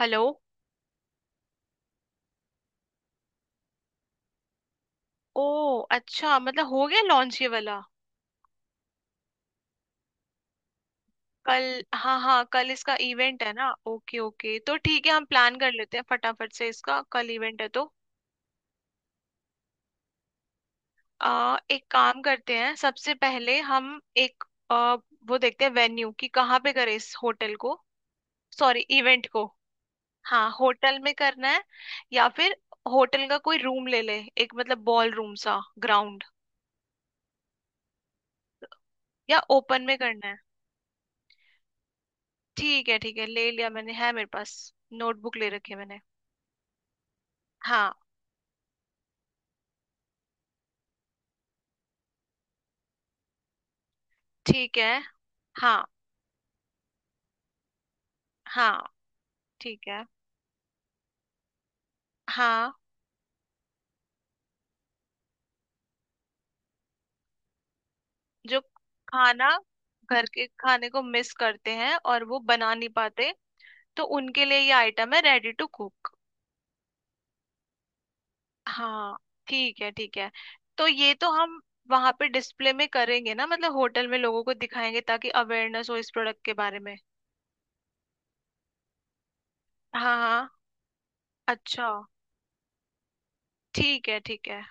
Hello. ओ अच्छा, मतलब हो गया लॉन्च ये वाला। कल, हाँ हाँ कल इसका इवेंट है ना। ओके ओके, तो ठीक है हम प्लान कर लेते हैं फटाफट से, इसका कल इवेंट है तो। एक काम करते हैं सबसे पहले हम एक आ, वो देखते हैं वेन्यू कि कहाँ पे करें इस होटल को। सॉरी, इवेंट को। हाँ होटल में करना है या फिर होटल का कोई रूम ले ले एक, मतलब बॉल रूम सा ग्राउंड, या ओपन में करना है। ठीक है ठीक है, ले लिया मैंने, है मेरे पास, नोटबुक ले रखी है मैंने। हाँ। ठीक है। हाँ हाँ ठीक है। हाँ जो खाना, घर के खाने को मिस करते हैं और वो बना नहीं पाते, तो उनके लिए ये आइटम है रेडी टू कुक। हाँ। ठीक है ठीक है। तो ये तो हम वहां पे डिस्प्ले में करेंगे ना, मतलब होटल में लोगों को दिखाएंगे ताकि अवेयरनेस हो इस प्रोडक्ट के बारे में। हाँ हाँ। अच्छा। ठीक है ठीक है।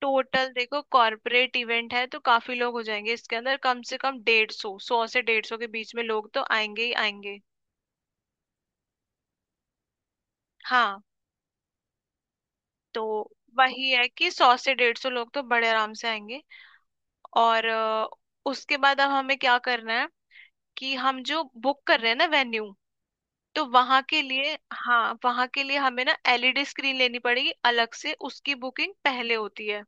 टोटल देखो, कॉर्पोरेट इवेंट है तो काफी लोग हो जाएंगे इसके अंदर, कम से कम 150, 100 से 150 के बीच में लोग तो आएंगे ही आएंगे। हाँ, तो वही है कि 100 से डेढ़ सौ लोग तो बड़े आराम से आएंगे। और उसके बाद अब हमें क्या करना है कि हम जो बुक कर रहे हैं ना वेन्यू, तो वहां के लिए, हाँ वहां के लिए हमें ना एलईडी स्क्रीन लेनी पड़ेगी अलग से, उसकी बुकिंग पहले होती है।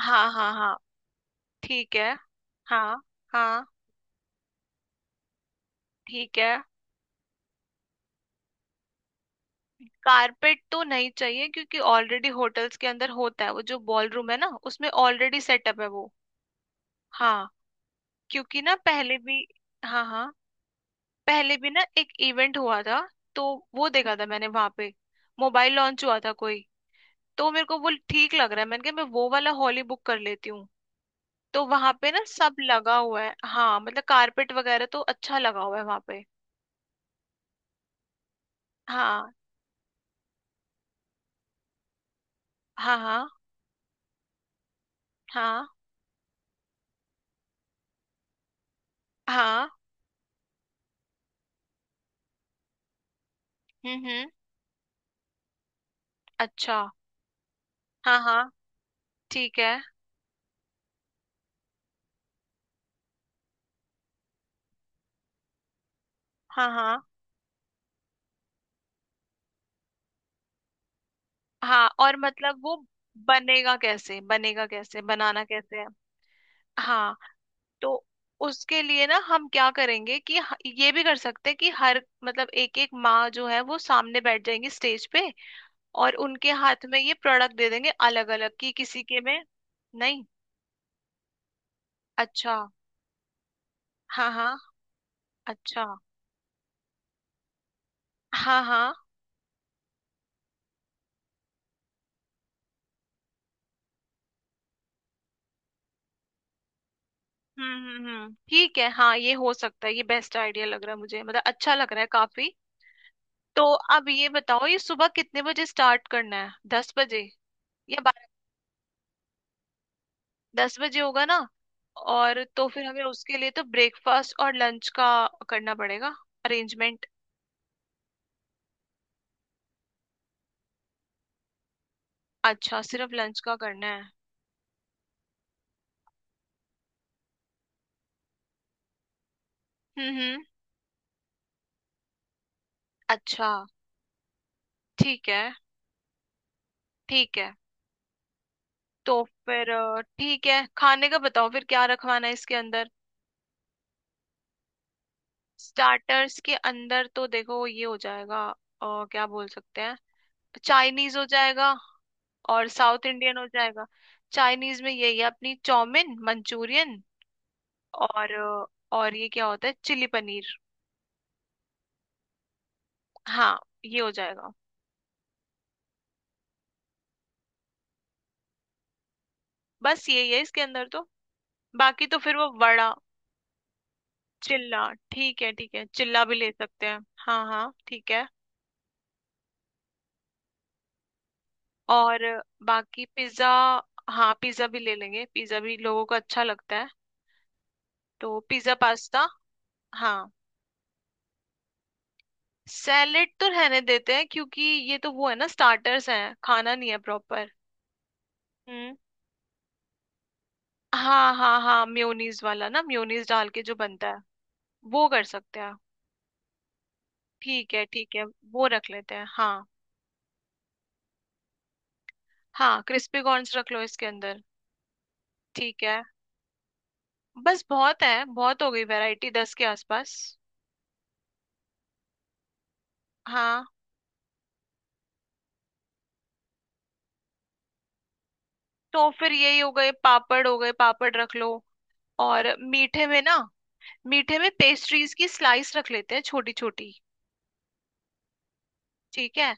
हाँ हाँ हाँ ठीक है। हाँ हाँ ठीक है। कारपेट तो नहीं चाहिए क्योंकि ऑलरेडी होटल्स के अंदर होता है, वो जो बॉल रूम है ना उसमें ऑलरेडी सेटअप है वो। हाँ, क्योंकि ना पहले भी, हाँ हाँ, पहले भी ना एक इवेंट हुआ था, तो वो देखा था मैंने वहां पे, मोबाइल लॉन्च हुआ था कोई। तो मेरे को वो ठीक लग रहा है, मैंने कहा मैं वो वाला हॉल ही बुक कर लेती हूँ। तो वहां पे ना सब लगा हुआ है, हाँ मतलब कारपेट वगैरह तो अच्छा लगा हुआ है वहां पे। हाँ हाँ। हाँ हाँ हाँ। हम्म। अच्छा। हाँ हाँ ठीक है। हाँ हाँ हाँ। और मतलब वो बनेगा कैसे, बनेगा कैसे, बनाना कैसे है। हाँ, तो उसके लिए ना हम क्या करेंगे कि ये भी कर सकते हैं कि हर, मतलब एक एक माँ जो है वो सामने बैठ जाएंगी स्टेज पे, और उनके हाथ में ये प्रोडक्ट दे देंगे अलग अलग कि किसी के में। नहीं। अच्छा, हाँ हाँ। अच्छा। हाँ हाँ। हम्म, ठीक है हाँ, ये हो सकता है, ये बेस्ट आइडिया लग रहा है मुझे, मतलब अच्छा लग रहा है काफी। तो अब ये बताओ ये सुबह कितने बजे स्टार्ट करना है, 10 बजे या? 10 बजे होगा ना? और तो फिर हमें उसके लिए तो ब्रेकफास्ट और लंच का करना पड़ेगा अरेंजमेंट। अच्छा सिर्फ लंच का करना है। हम्म। अच्छा ठीक है ठीक है। तो फिर ठीक है, खाने का बताओ फिर क्या रखवाना है इसके अंदर। स्टार्टर्स के अंदर तो देखो ये हो जाएगा, क्या बोल सकते हैं, चाइनीज हो जाएगा और साउथ इंडियन हो जाएगा। चाइनीज में यही है अपनी चाउमीन, मंचूरियन, और और ये क्या होता है, चिली पनीर। हाँ ये हो जाएगा। बस यही है इसके अंदर तो। बाकी तो फिर वो वड़ा, चिल्ला। ठीक है ठीक है, चिल्ला भी ले सकते हैं। हाँ हाँ ठीक है। और बाकी पिज्जा, हाँ पिज्जा भी ले लेंगे, पिज्जा भी लोगों को अच्छा लगता है। तो पिज्जा पास्ता। हाँ। सैलेड तो रहने देते हैं क्योंकि ये तो वो है ना, स्टार्टर्स हैं खाना नहीं है प्रॉपर। हम्म। हाँ हाँ हाँ, म्योनीज वाला ना, म्योनीज डाल के जो बनता है, वो कर सकते हैं। ठीक है ठीक है, वो रख लेते हैं हाँ। हाँ क्रिस्पी कॉर्न्स रख लो इसके अंदर। ठीक है। बस बहुत है, बहुत हो गई वैरायटी, 10 के आसपास। हाँ तो फिर यही हो गए, पापड़ हो गए, पापड़ रख लो। और मीठे में ना, मीठे में पेस्ट्रीज की स्लाइस रख लेते हैं छोटी छोटी। ठीक है।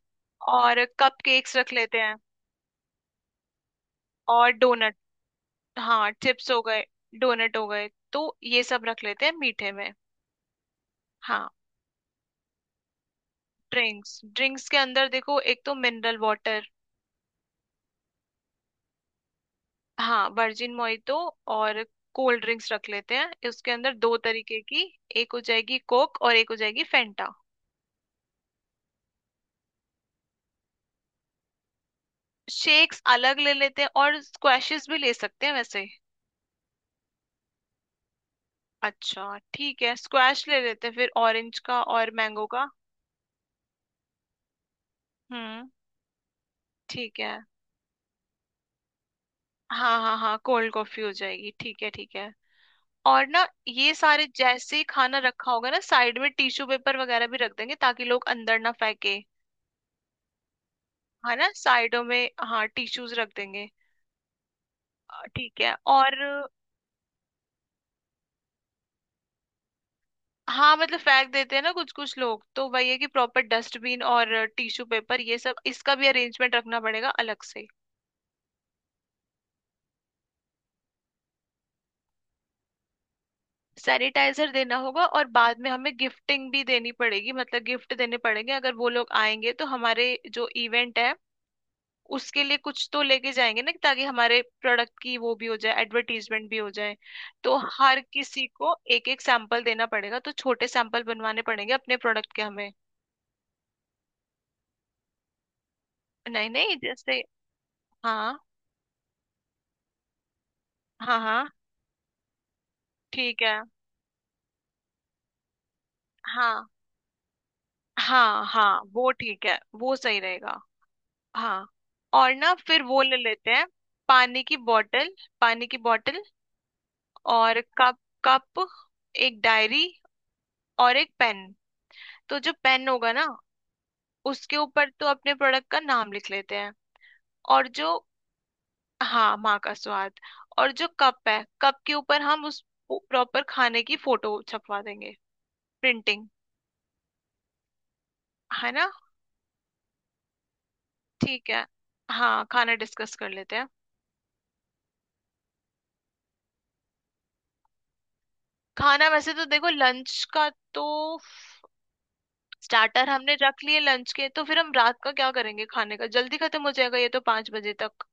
और कप केक्स रख लेते हैं, और डोनट। हाँ चिप्स हो गए, डोनट हो गए, तो ये सब रख लेते हैं मीठे में। हाँ। ड्रिंक्स, ड्रिंक्स के अंदर देखो, एक तो मिनरल वाटर। हाँ वर्जिन मोइतो, और कोल्ड ड्रिंक्स रख लेते हैं उसके अंदर दो तरीके की, एक हो जाएगी कोक और एक हो जाएगी फेंटा। शेक्स अलग ले लेते हैं, और स्क्वैशेस भी ले सकते हैं वैसे। अच्छा ठीक है, स्क्वैश ले लेते हैं फिर, ऑरेंज का और मैंगो का। हम्म। ठीक है। हाँ हाँ हाँ, कोल्ड कॉफी हो जाएगी, ठीक है ठीक है। और ना ये सारे जैसे ही खाना रखा होगा ना, साइड में टिश्यू पेपर वगैरह भी रख देंगे ताकि लोग अंदर ना फेंके। है ना, साइडों में हाँ टिश्यूज रख देंगे। ठीक है, और हाँ मतलब फेंक देते हैं ना कुछ कुछ लोग, तो वही है कि प्रॉपर डस्टबिन और टिश्यू पेपर ये सब इसका भी अरेंजमेंट रखना पड़ेगा अलग से। सैनिटाइजर देना होगा, और बाद में हमें गिफ्टिंग भी देनी पड़ेगी, मतलब गिफ्ट देने पड़ेंगे अगर वो लोग आएंगे, तो हमारे जो इवेंट है उसके लिए कुछ तो लेके जाएंगे ना, ताकि हमारे प्रोडक्ट की वो भी हो जाए, एडवर्टीजमेंट भी हो जाए। तो हर किसी को एक एक सैंपल देना पड़ेगा, तो छोटे सैंपल बनवाने पड़ेंगे अपने प्रोडक्ट के हमें। नहीं नहीं, जैसे, हाँ हाँ हाँ ठीक है, हाँ हाँ हाँ वो ठीक है, वो सही रहेगा। हाँ। और ना फिर वो ले लेते हैं, पानी की बोतल। पानी की बोतल, और कप। कप, एक डायरी, और एक पेन। तो जो पेन होगा ना, उसके ऊपर तो अपने प्रोडक्ट का नाम लिख लेते हैं। और जो, हाँ माँ का स्वाद। और जो कप है, कप के ऊपर हम उस प्रॉपर खाने की फोटो छपवा देंगे, प्रिंटिंग। है ना? ठीक है। हाँ खाना डिस्कस कर लेते हैं। खाना वैसे तो देखो लंच का तो, स्टार्टर हमने रख लिए, लंच के तो फिर हम रात का क्या करेंगे, खाने का जल्दी खत्म हो जाएगा ये तो, 5 बजे तक।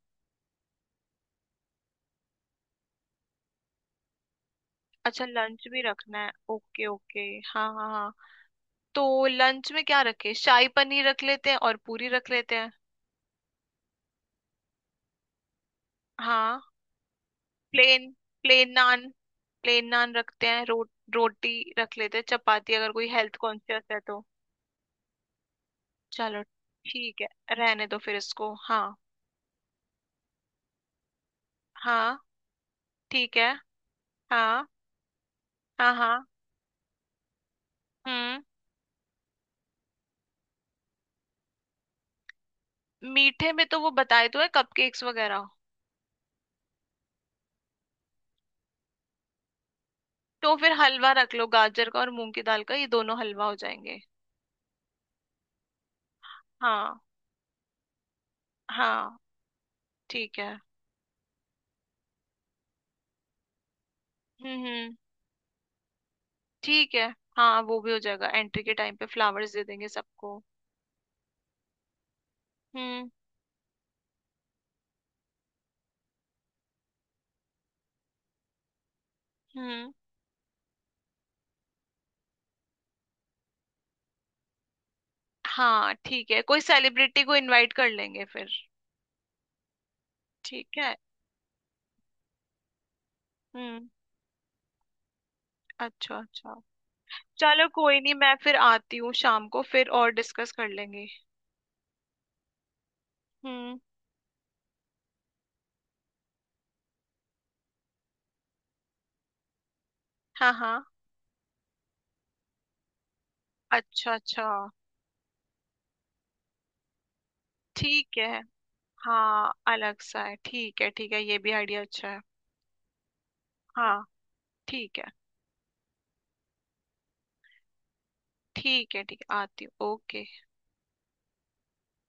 अच्छा लंच भी रखना है, ओके ओके। हाँ हाँ हाँ। तो लंच में क्या रखे, शाही पनीर रख लेते हैं और पूरी रख लेते हैं। हाँ। Plain, plain naan, plain naan रखते हैं। रोटी रख लेते हैं चपाती, अगर कोई हेल्थ कॉन्शियस है तो। चलो, ठीक है, रहने दो फिर इसको हाँ। हाँ। ठीक है। हाँ हाँ हाँ। हम्म। मीठे में तो वो बताए तो है कपकेक्स वगैरह। तो फिर हलवा रख लो, गाजर का और मूंग की दाल का, ये दोनों हलवा हो जाएंगे। हाँ। हाँ ठीक है। हम्म। ठीक है। हाँ वो भी हो जाएगा, एंट्री के टाइम पे फ्लावर्स दे देंगे सबको। हम्म हम्म। हाँ ठीक है, कोई सेलिब्रिटी को इनवाइट कर लेंगे फिर। ठीक है। हम्म। अच्छा अच्छा। चलो कोई नहीं, मैं फिर आती हूँ शाम को, फिर और डिस्कस कर लेंगे। हम्म। हाँ हाँ। अच्छा अच्छा। ठीक है, हाँ अलग सा है, ठीक है ठीक है, ये भी आइडिया अच्छा है। हाँ। ठीक है। ठीक है ठीक है आती हूँ, ओके।